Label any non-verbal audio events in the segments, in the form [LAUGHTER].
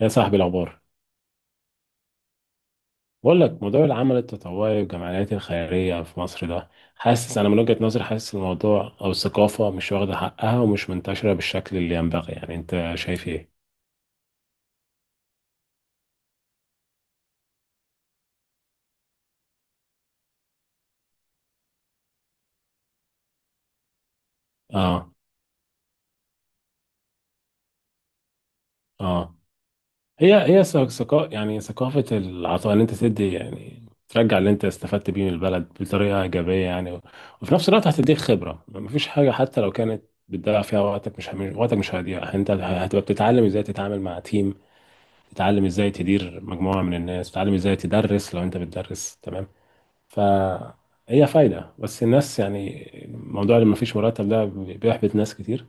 يا صاحبي الأخبار، بقول لك موضوع العمل التطوعي والجمعيات الخيرية في مصر ده، حاسس أنا من وجهة نظري حاسس الموضوع أو الثقافة مش واخدة حقها ومش منتشرة بالشكل اللي ينبغي، يعني أنت شايف إيه؟ آه. آه. هي هي ثقافة، يعني ثقافة العطاء، إن أنت تدي يعني ترجع اللي أنت استفدت بيه من البلد بطريقة إيجابية يعني وفي نفس الوقت هتديك خبرة. مفيش حاجة حتى لو كانت بتضيع فيها وقتك، مش وقتك مش هيضيع، أنت هتبقى بتتعلم إزاي تتعامل مع تيم، تتعلم ازاي تدير مجموعة من الناس، تتعلم ازاي تدرس لو انت بتدرس. تمام. فهي فايدة، بس الناس يعني موضوع اللي مفيش مرتب ده بيحبط ناس كتير.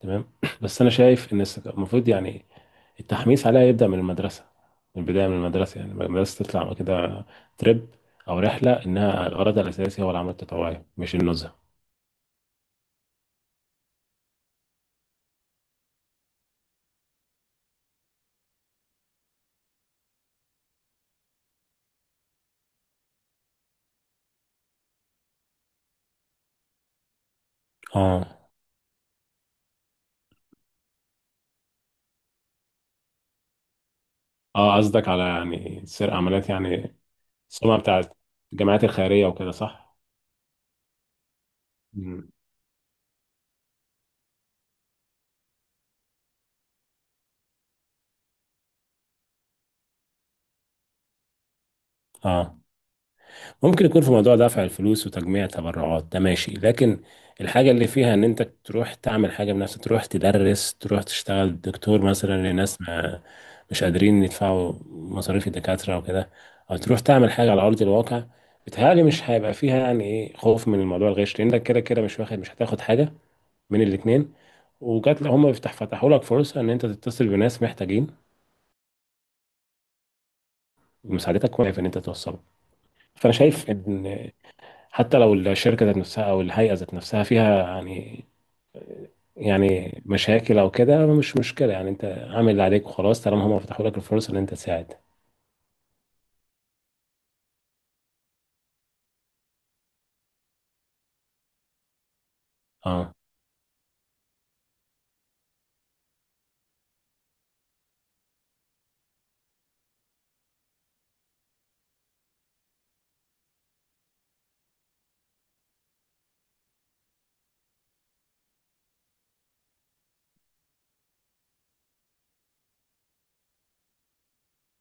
تمام [CLEARS THROAT] بس انا شايف ان المفروض يعني التحميس عليها يبدأ من المدرسة، من البداية من المدرسة، يعني المدرسة تطلع كده تريب أو رحلة إنها الغرض الأساسي هو العمل التطوعي مش النزهة. اه. اه، قصدك على يعني سير عمليات يعني السمعة بتاعت الجامعات الخيرية وكده، صح؟ مم. اه، ممكن يكون في موضوع دفع الفلوس وتجميع تبرعات ده ماشي، لكن الحاجة اللي فيها ان انت تروح تعمل حاجة بنفسك، تروح تدرس، تروح تشتغل دكتور مثلا لناس ما مش قادرين يدفعوا مصاريف الدكاترة وكده، او تروح تعمل حاجة على ارض الواقع، بتهيألي مش هيبقى فيها يعني ايه خوف من الموضوع الغش، لانك كده كده مش واخد، مش هتاخد حاجة من الاتنين. وجات لهم هم فتحوا لك فرصة ان انت تتصل بناس محتاجين مساعدتك، واقف ان انت توصلهم. فانا شايف ان حتى لو الشركة ذات نفسها أو الهيئة ذات نفسها فيها يعني يعني مشاكل أو كده، مش مشكلة، يعني أنت عامل اللي عليك وخلاص طالما هم فتحوا لك الفرصة إن أنت تساعد. أه.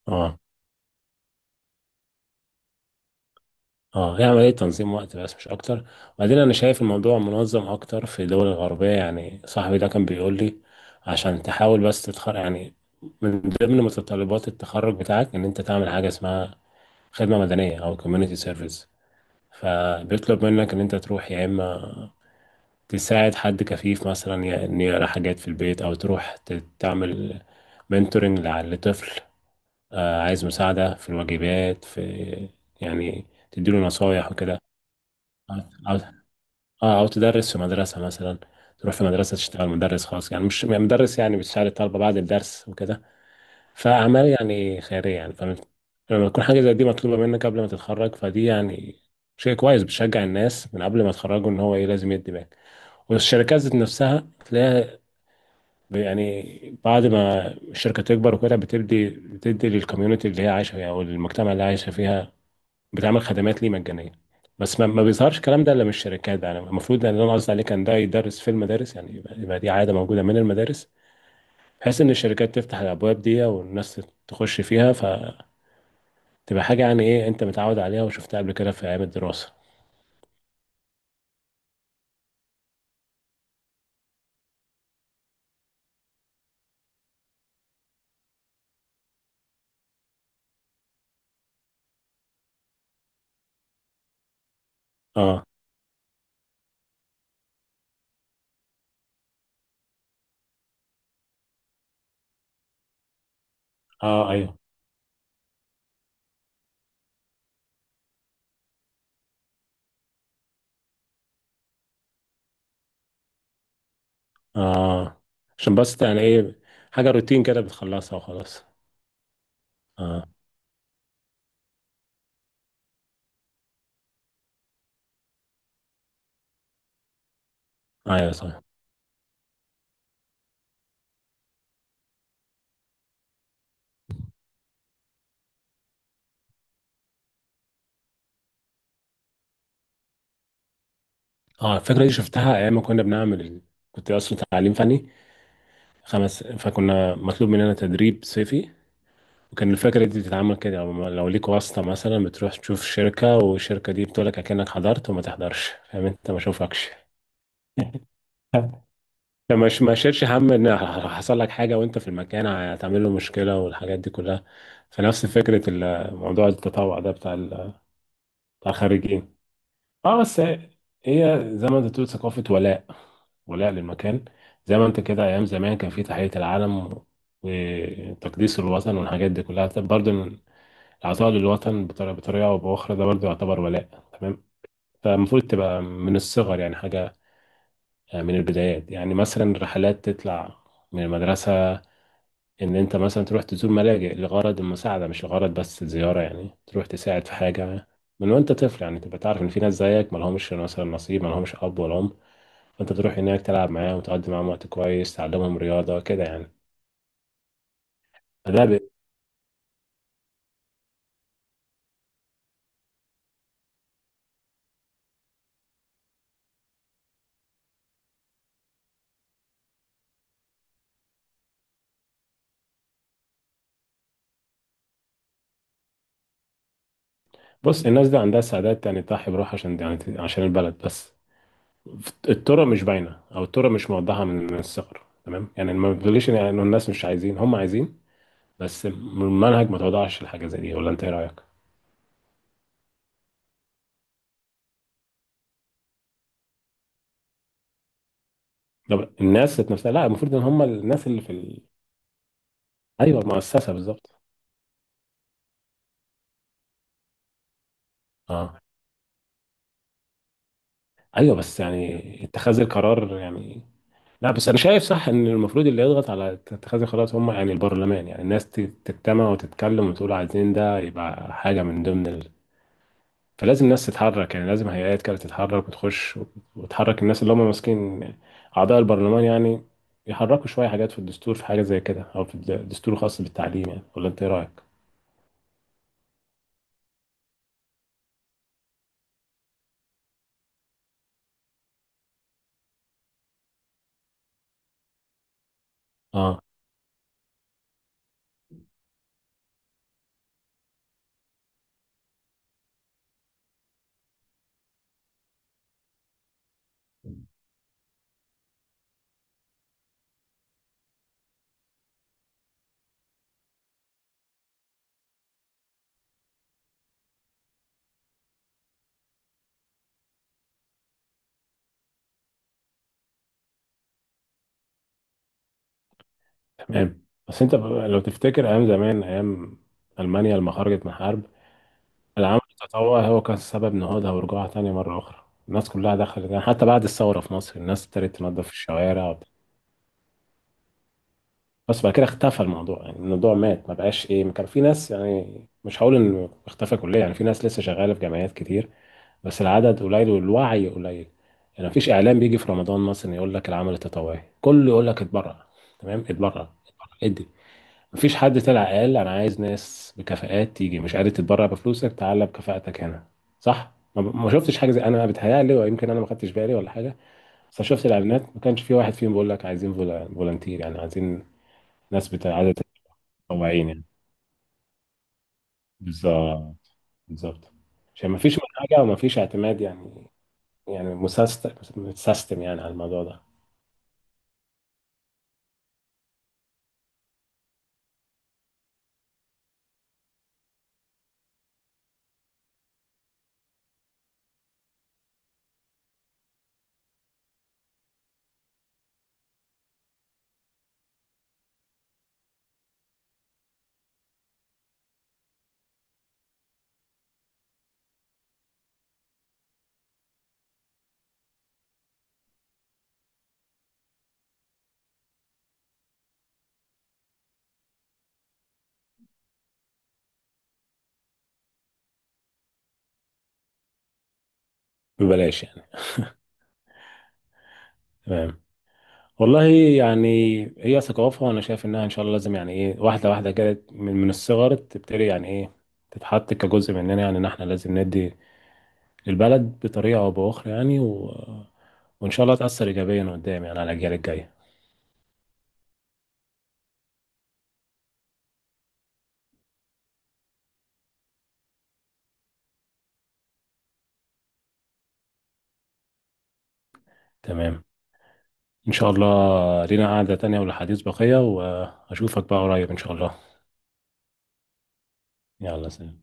أه. أه، هي عملية تنظيم وقت بس مش أكتر. وبعدين أنا شايف الموضوع منظم أكتر في الدول الغربية. يعني صاحبي ده كان بيقول لي عشان تحاول بس تتخرج، يعني من ضمن متطلبات التخرج بتاعك إن أنت تعمل حاجة اسمها خدمة مدنية أو كوميونيتي سيرفيس، فبيطلب منك إن أنت تروح يا إما تساعد حد كفيف مثلا، إن يقرأ حاجات في البيت، أو تروح تعمل منتورنج لطفل، آه، عايز مساعدة في الواجبات، في يعني تديله نصايح وكده. أو أو تدرس في مدرسة مثلا، تروح في مدرسة تشتغل مدرس خاص، يعني مش يعني مدرس، يعني بتساعد الطلبة بعد الدرس وكده. فأعمال يعني خيرية يعني، فلما لما تكون حاجة زي دي مطلوبة منك قبل ما تتخرج، فدي يعني شيء كويس، بتشجع الناس من قبل ما يتخرجوا إن هو إيه، لازم يدي باك. والشركات ذات نفسها تلاقيها يعني بعد ما الشركة تكبر وكده بتدي للكوميونتي اللي هي عايشة فيها، أو المجتمع اللي عايشة فيها، بتعمل خدمات ليه مجانية. بس ما بيظهرش الكلام ده إلا من الشركات، يعني المفروض إن، أنا قصدي عليه، كان ده يدرس في المدارس، يعني يبقى دي عادة موجودة من المدارس، بحيث إن الشركات تفتح الأبواب دي والناس تخش فيها، فتبقى حاجة يعني إيه أنت متعود عليها وشفتها قبل كده في أيام الدراسة. أه. أه. أيوه. أه، عشان بس يعني إيه حاجة روتين كده بتخلصها وخلاص. أه أيوه صح. اه، الفكرة دي شفتها أيام ما كنا بنعمل كنت أصلا تعليم فني خمس، فكنا مطلوب مننا تدريب صيفي، وكان الفكرة دي بتتعمل كده، لو ليك واسطة مثلا، بتروح تشوف شركة والشركة دي بتقولك أكنك حضرت وما تحضرش، فاهم أنت، ما شوفكش [LAUGHS] فما ما شيلش هم إن حصل لك حاجة وأنت في المكان، هتعمل له مشكلة والحاجات دي كلها. فنفس فكرة موضوع التطوع ده بتاع بتاع الخريجين. اه بس هي زي ما انت بتقول، ثقافة ولاء، ولاء للمكان، زي ما انت كده ايام زمان كان في تحية العلم وتقديس الوطن والحاجات دي كلها. طب برضه العطاء للوطن بطريقة او باخرى ده برضه يعتبر ولاء. تمام. فالمفروض تبقى من الصغر يعني حاجة، آه، من البدايات، يعني مثلا الرحلات تطلع من المدرسة ان انت مثلا تروح تزور ملاجئ لغرض المساعده، مش لغرض بس الزياره، يعني تروح تساعد في حاجه، من وانت طفل، يعني تبقى تعرف ان في ناس زيك ما لهمش مثلا نصيب، ما لهمش اب ولا ام، فانت تروح هناك تلعب معاهم وتقضي معاهم وقت كويس، تعلمهم رياضه كده يعني. فده بص، الناس دي عندها سعادات يعني تضحي بروح عشان يعني عشان البلد، بس الطرق مش باينه، او الطرق مش موضحه من الصغر. تمام، يعني ما بتقوليش ان يعني إن الناس مش عايزين، هم عايزين، بس المنهج ما توضحش الحاجه زي دي، ولا انت ايه رايك؟ طب الناس ذات نفسها، لا، المفروض ان هم الناس اللي في ال... ايوه المؤسسه بالظبط. اه ايوه، بس يعني اتخاذ القرار يعني، لا بس انا شايف صح ان المفروض اللي يضغط على اتخاذ القرارات هم يعني البرلمان، يعني الناس تجتمع وتتكلم وتقول عايزين ده يبقى حاجه من ضمن ال... فلازم الناس تتحرك، يعني لازم هيئات كده تتحرك وتخش وتحرك الناس اللي هم ماسكين، اعضاء البرلمان يعني، يحركوا شويه حاجات في الدستور، في حاجه زي كده، او في الدستور الخاص بالتعليم، يعني ولا انت ايه رايك؟ تمام. بس انت بقى لو تفتكر ايام زمان، ايام المانيا لما خرجت من حرب، العمل التطوعي هو كان سبب نهوضها ورجوعها تاني مره اخرى، الناس كلها دخلت. يعني حتى بعد الثوره في مصر الناس ابتدت تنظف الشوارع بس بعد كده اختفى الموضوع، يعني الموضوع مات، ما بقاش ايه، كان في ناس، يعني مش هقول انه اختفى كليا، يعني في ناس لسه شغاله في جمعيات كتير، بس العدد قليل والوعي قليل. يعني مفيش اعلام بيجي في رمضان مثلا يقول لك العمل التطوعي كله، يقول لك اتبرع. تمام، اتبرع اتبرع، ادي. مفيش حد طلع قال انا عايز ناس بكفاءات تيجي، مش قادر تتبرع بفلوسك تعالى بكفاءتك هنا. صح، ما ما شفتش حاجه زي، انا بتهيألي، ويمكن انا ما خدتش بالي ولا حاجه، بس أنا شفت الاعلانات ما كانش في واحد فيهم بيقول لك عايزين فولنتير، يعني عايزين ناس بتاع عدد متطوعين يعني. بالظبط. بالظبط. عشان ما فيش منهجه وما فيش اعتماد يعني، يعني متسيستم يعني على الموضوع ده. ببلاش يعني. تمام. والله، يعني هي ثقافة أنا شايف إنها إن شاء الله لازم يعني إيه واحدة واحدة كده من الصغر تبتدي، يعني إيه تتحط كجزء مننا، يعني إن إحنا لازم ندي للبلد بطريقة أو بأخرى، يعني و... وإن شاء الله تأثر إيجابيا قدام يعني على الأجيال الجاية. تمام. إن شاء الله لينا قعدة تانية ولحديث بقية، وأشوفك بقى قريب إن شاء الله. يلا سلام.